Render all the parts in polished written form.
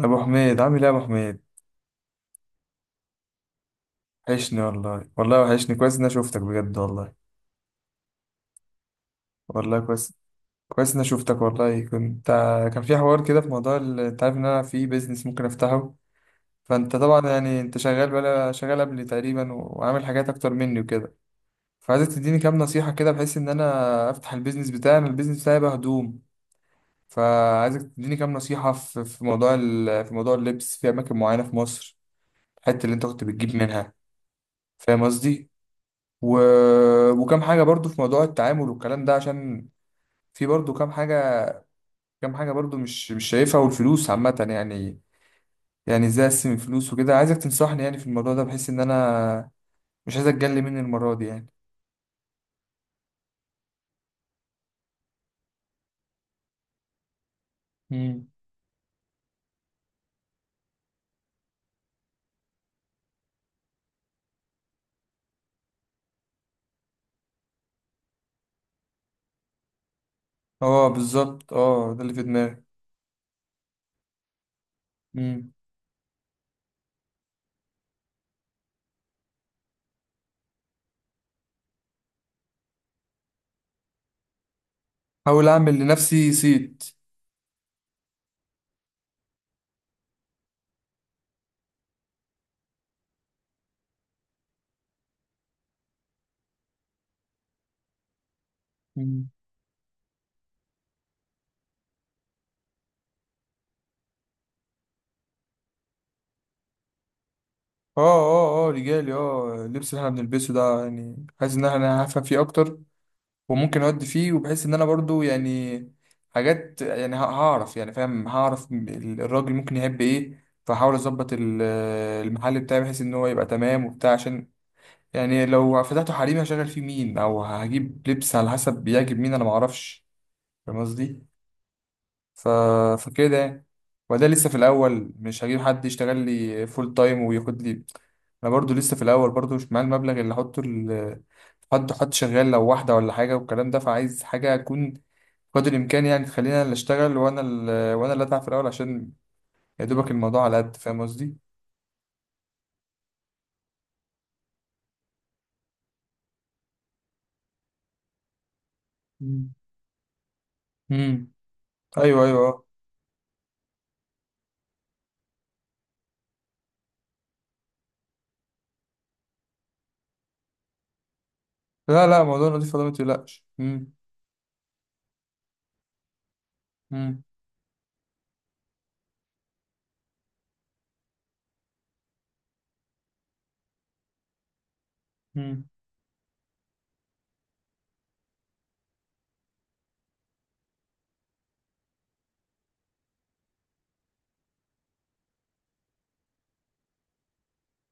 ابو حميد عامل ايه يا ابو حميد؟ وحشني والله، والله وحشني. كويس اني شوفتك بجد والله. والله كويس. كويس اني شوفتك والله. كان في حوار كده في موضوع انت عارف ان انا في بيزنس ممكن افتحه. فانت طبعا يعني انت شغال، بقى شغال قبلي تقريبا وعامل حاجات اكتر مني وكده. فعايزك تديني كام نصيحة كده، بحيث ان انا افتح البيزنس بتاعي، أنا البيزنس بتاعي بقى هدوم. فعايزك تديني كام نصيحة في موضوع في موضوع اللبس في اماكن معينة في مصر، الحتة اللي انت كنت بتجيب منها. فاهم قصدي. و... وكم حاجة برضو في موضوع التعامل والكلام ده، عشان في برضو كم حاجة، كم حاجة برضو مش شايفها. والفلوس عامة يعني، يعني ازاي اقسم الفلوس وكده. عايزك تنصحني يعني في الموضوع ده، بحيث ان انا مش عايز اتجلي مني المرة دي يعني. مم. اه بالظبط، اه ده اللي في دماغي. مم. حاول اعمل لنفسي صيت. مم. اه اه اه رجالي، اه اللبس اللي احنا بنلبسه ده يعني، حاسس ان انا هفهم فيه اكتر وممكن اودي فيه، وبحس ان انا برضو يعني حاجات يعني، هعرف يعني، فاهم، هعرف الراجل ممكن يحب ايه. فحاول اظبط المحل بتاعي، بحيث ان هو يبقى تمام وبتاع، عشان يعني لو فتحته حريمي هشغل فيه مين، او هجيب لبس على حسب بيعجب مين، انا معرفش. فاهم قصدي. ف... فكده يعني. وده لسه في الاول، مش هجيب حد يشتغل لي فول تايم وياخد لي. انا برضو لسه في الاول، برضو مش معايا المبلغ اللي احطه حد، حد شغال لو واحدة ولا حاجة والكلام ده. فعايز حاجة أكون قدر الامكان يعني تخلينا اللي اشتغل، وانا اللي وانا اللي اتعب في الاول، عشان يا دوبك الموضوع على قد... فاهم قصدي. مم. امم. ايوه ايوه اه. لا لا، موضوع نظيف والله ما تقلقش. امم. امم. امم.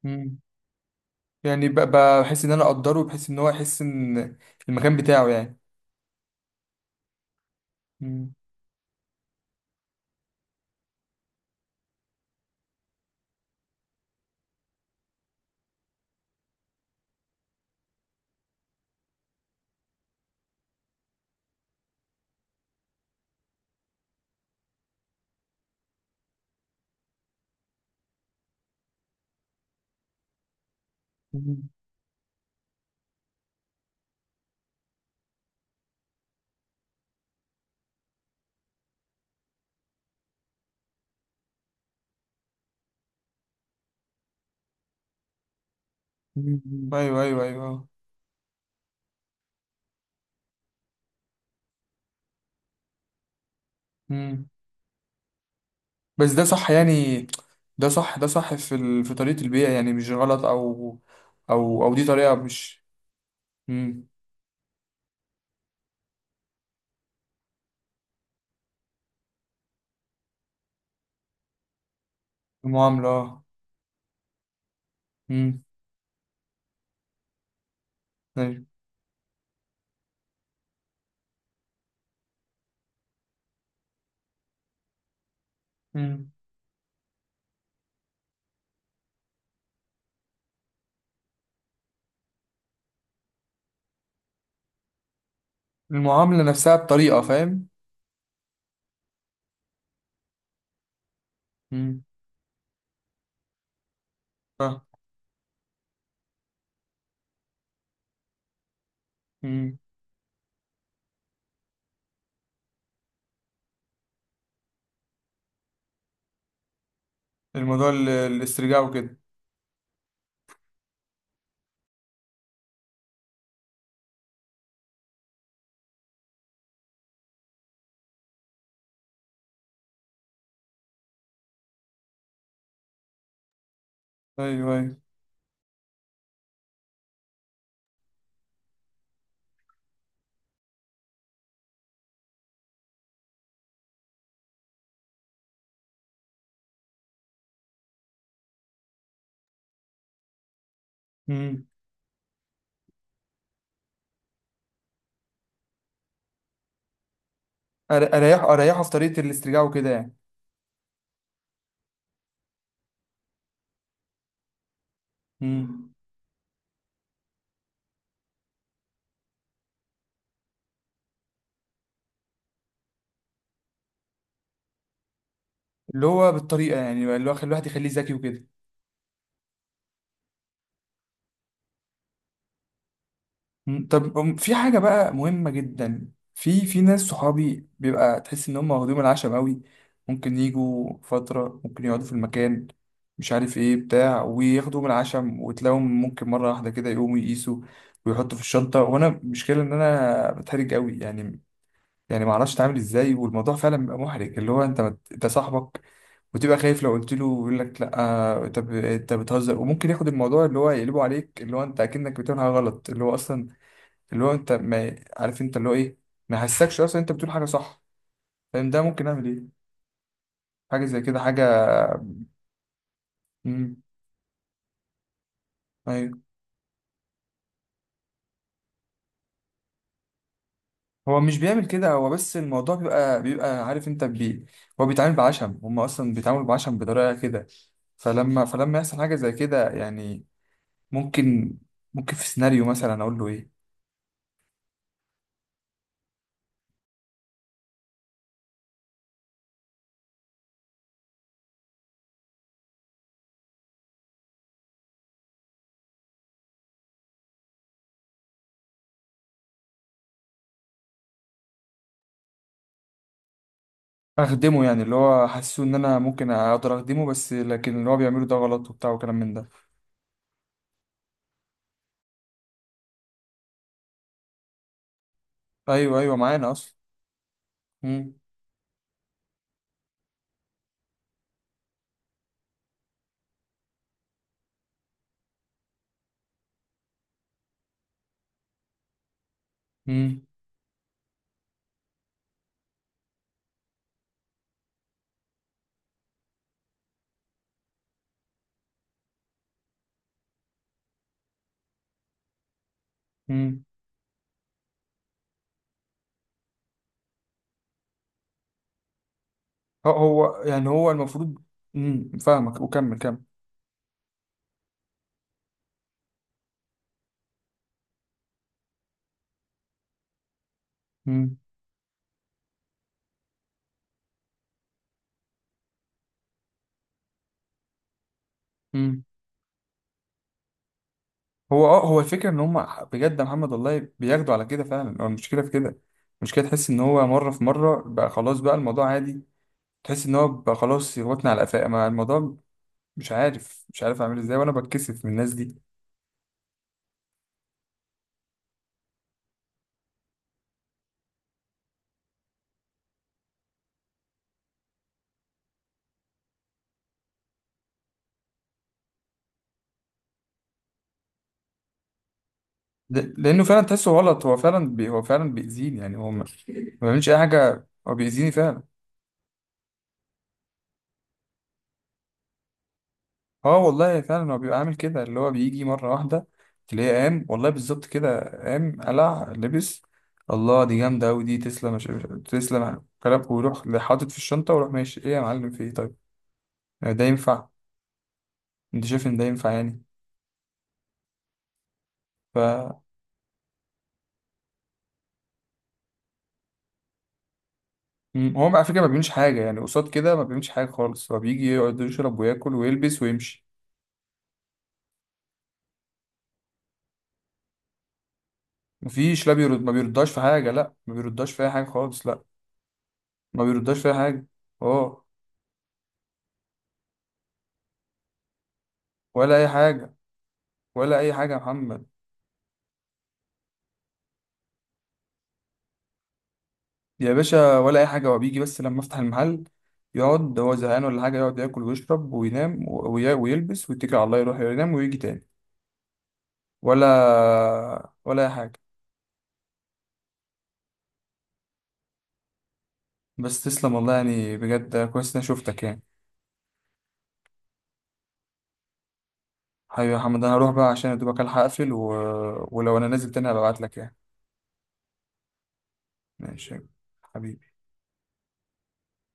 امم. يعني بحس ان انا اقدره، بحس ان هو يحس ان المكان بتاعه يعني. امم. مم. مم. ايوه ايوه ايوه. امم. بس ده صح يعني؟ ده صح، ده صح في في طريقة البيع يعني، مش غلط؟ او دي طريقة مش... امم. المعاملة. امم. مم. المعاملة نفسها بطريقة، فاهم. مم. مم. الموضوع الاسترجاع وكده. ايوه ايوه. مم. اريحه في طريقة الاسترجاع وكده يعني. مم. اللي هو بالطريقة يعني، اللي هو خلي الواحد يخليه ذكي وكده. مم. طب في حاجة بقى مهمة جدا، في ناس صحابي بيبقى تحس إن هم واخدين العشم قوي. ممكن يجوا فترة، ممكن يقعدوا في المكان مش عارف إيه بتاع، وياخدوا من العشم. وتلاقيهم ممكن مرة واحدة كده يقوموا يقيسوا ويحطوا في الشنطة. وأنا مشكلة إن أنا بتحرج قوي يعني، يعني ما اعرفش اتعامل ازاي. والموضوع فعلا بيبقى محرج، اللي هو انت انت صاحبك وتبقى خايف، لو قلت له يقول لك لا، انت انت بتهزر. وممكن ياخد الموضوع اللي هو يقلبه عليك، اللي هو انت اكنك بتعمل حاجه غلط، اللي هو اصلا، اللي هو انت ما عارف انت اللي هو ايه. ما يحسكش اصلا انت بتقول حاجه صح، فاهم؟ ده ممكن اعمل ايه؟ حاجه زي كده، حاجه... امم. ايوه. هو مش بيعمل كده، هو بس الموضوع بيبقى، عارف انت بي... هو بيتعامل بعشم، هم اصلا بيتعاملوا بعشم بطريقه كده. فلما يحصل حاجه زي كده يعني، ممكن ممكن في سيناريو مثلا اقول له ايه. اخدمه يعني، اللي هو حاسه ان انا ممكن اقدر اخدمه، بس لكن اللي هو بيعمله ده غلط وبتاع وكلام من ده. ايوه ايوه معانا اصلا. امم. امم. هو يعني هو المفروض. امم، فاهمك وكمل كمل. امم. امم. هو الفكره ان هم بجد يا محمد والله بياخدوا على كده فعلا. هو المشكله في كده. المشكله تحس ان هو مره في مره بقى خلاص، بقى الموضوع عادي. تحس ان هو بقى خلاص يغوتنا على قفاه، ما الموضوع... مش عارف اعمل ازاي، وانا بتكسف من الناس دي. لانه فعلا تحسه غلط، هو فعلا بيأذيني يعني. هو ما بيعملش اي حاجه، هو بيأذيني فعلا. اه والله فعلا هو بيبقى عامل كده، اللي هو بيجي مرة واحدة تلاقيه قام، والله بالظبط كده قام قلع لبس. الله، دي جامدة أوي، دي تسلم، تسلم كلام. ويروح حاطط في الشنطة ويروح ماشي. ايه يا معلم، في ايه طيب. يعني ده ينفع؟ انت شايف ان ده ينفع يعني؟ ف هو على فكرة ما بيعملش حاجة يعني قصاد كده، ما بيعملش حاجة خالص. هو بيجي يقعد يشرب وياكل ويلبس ويمشي. مفيش، لا بيرد، ما بيرداش في حاجة. لا ما بيرداش في أي حاجة خالص، لا. ما بيرداش في أي حاجة. اه. ولا أي حاجة. ولا أي حاجة يا محمد. يا باشا ولا اي حاجه. هو بيجي بس لما افتح المحل يقعد هو زهقان ولا حاجه، يقعد ياكل ويشرب وينام ويلبس، ويتكل على الله يروح ينام ويجي تاني. ولا اي حاجه. بس تسلم والله، يعني بجد كويس اني شفتك يعني. حبيبي يا محمد، انا هروح بقى عشان ادوبك الحق اقفل، ولو انا نازل تاني هبقى ابعت لك يعني. ماشي يا حبيبي.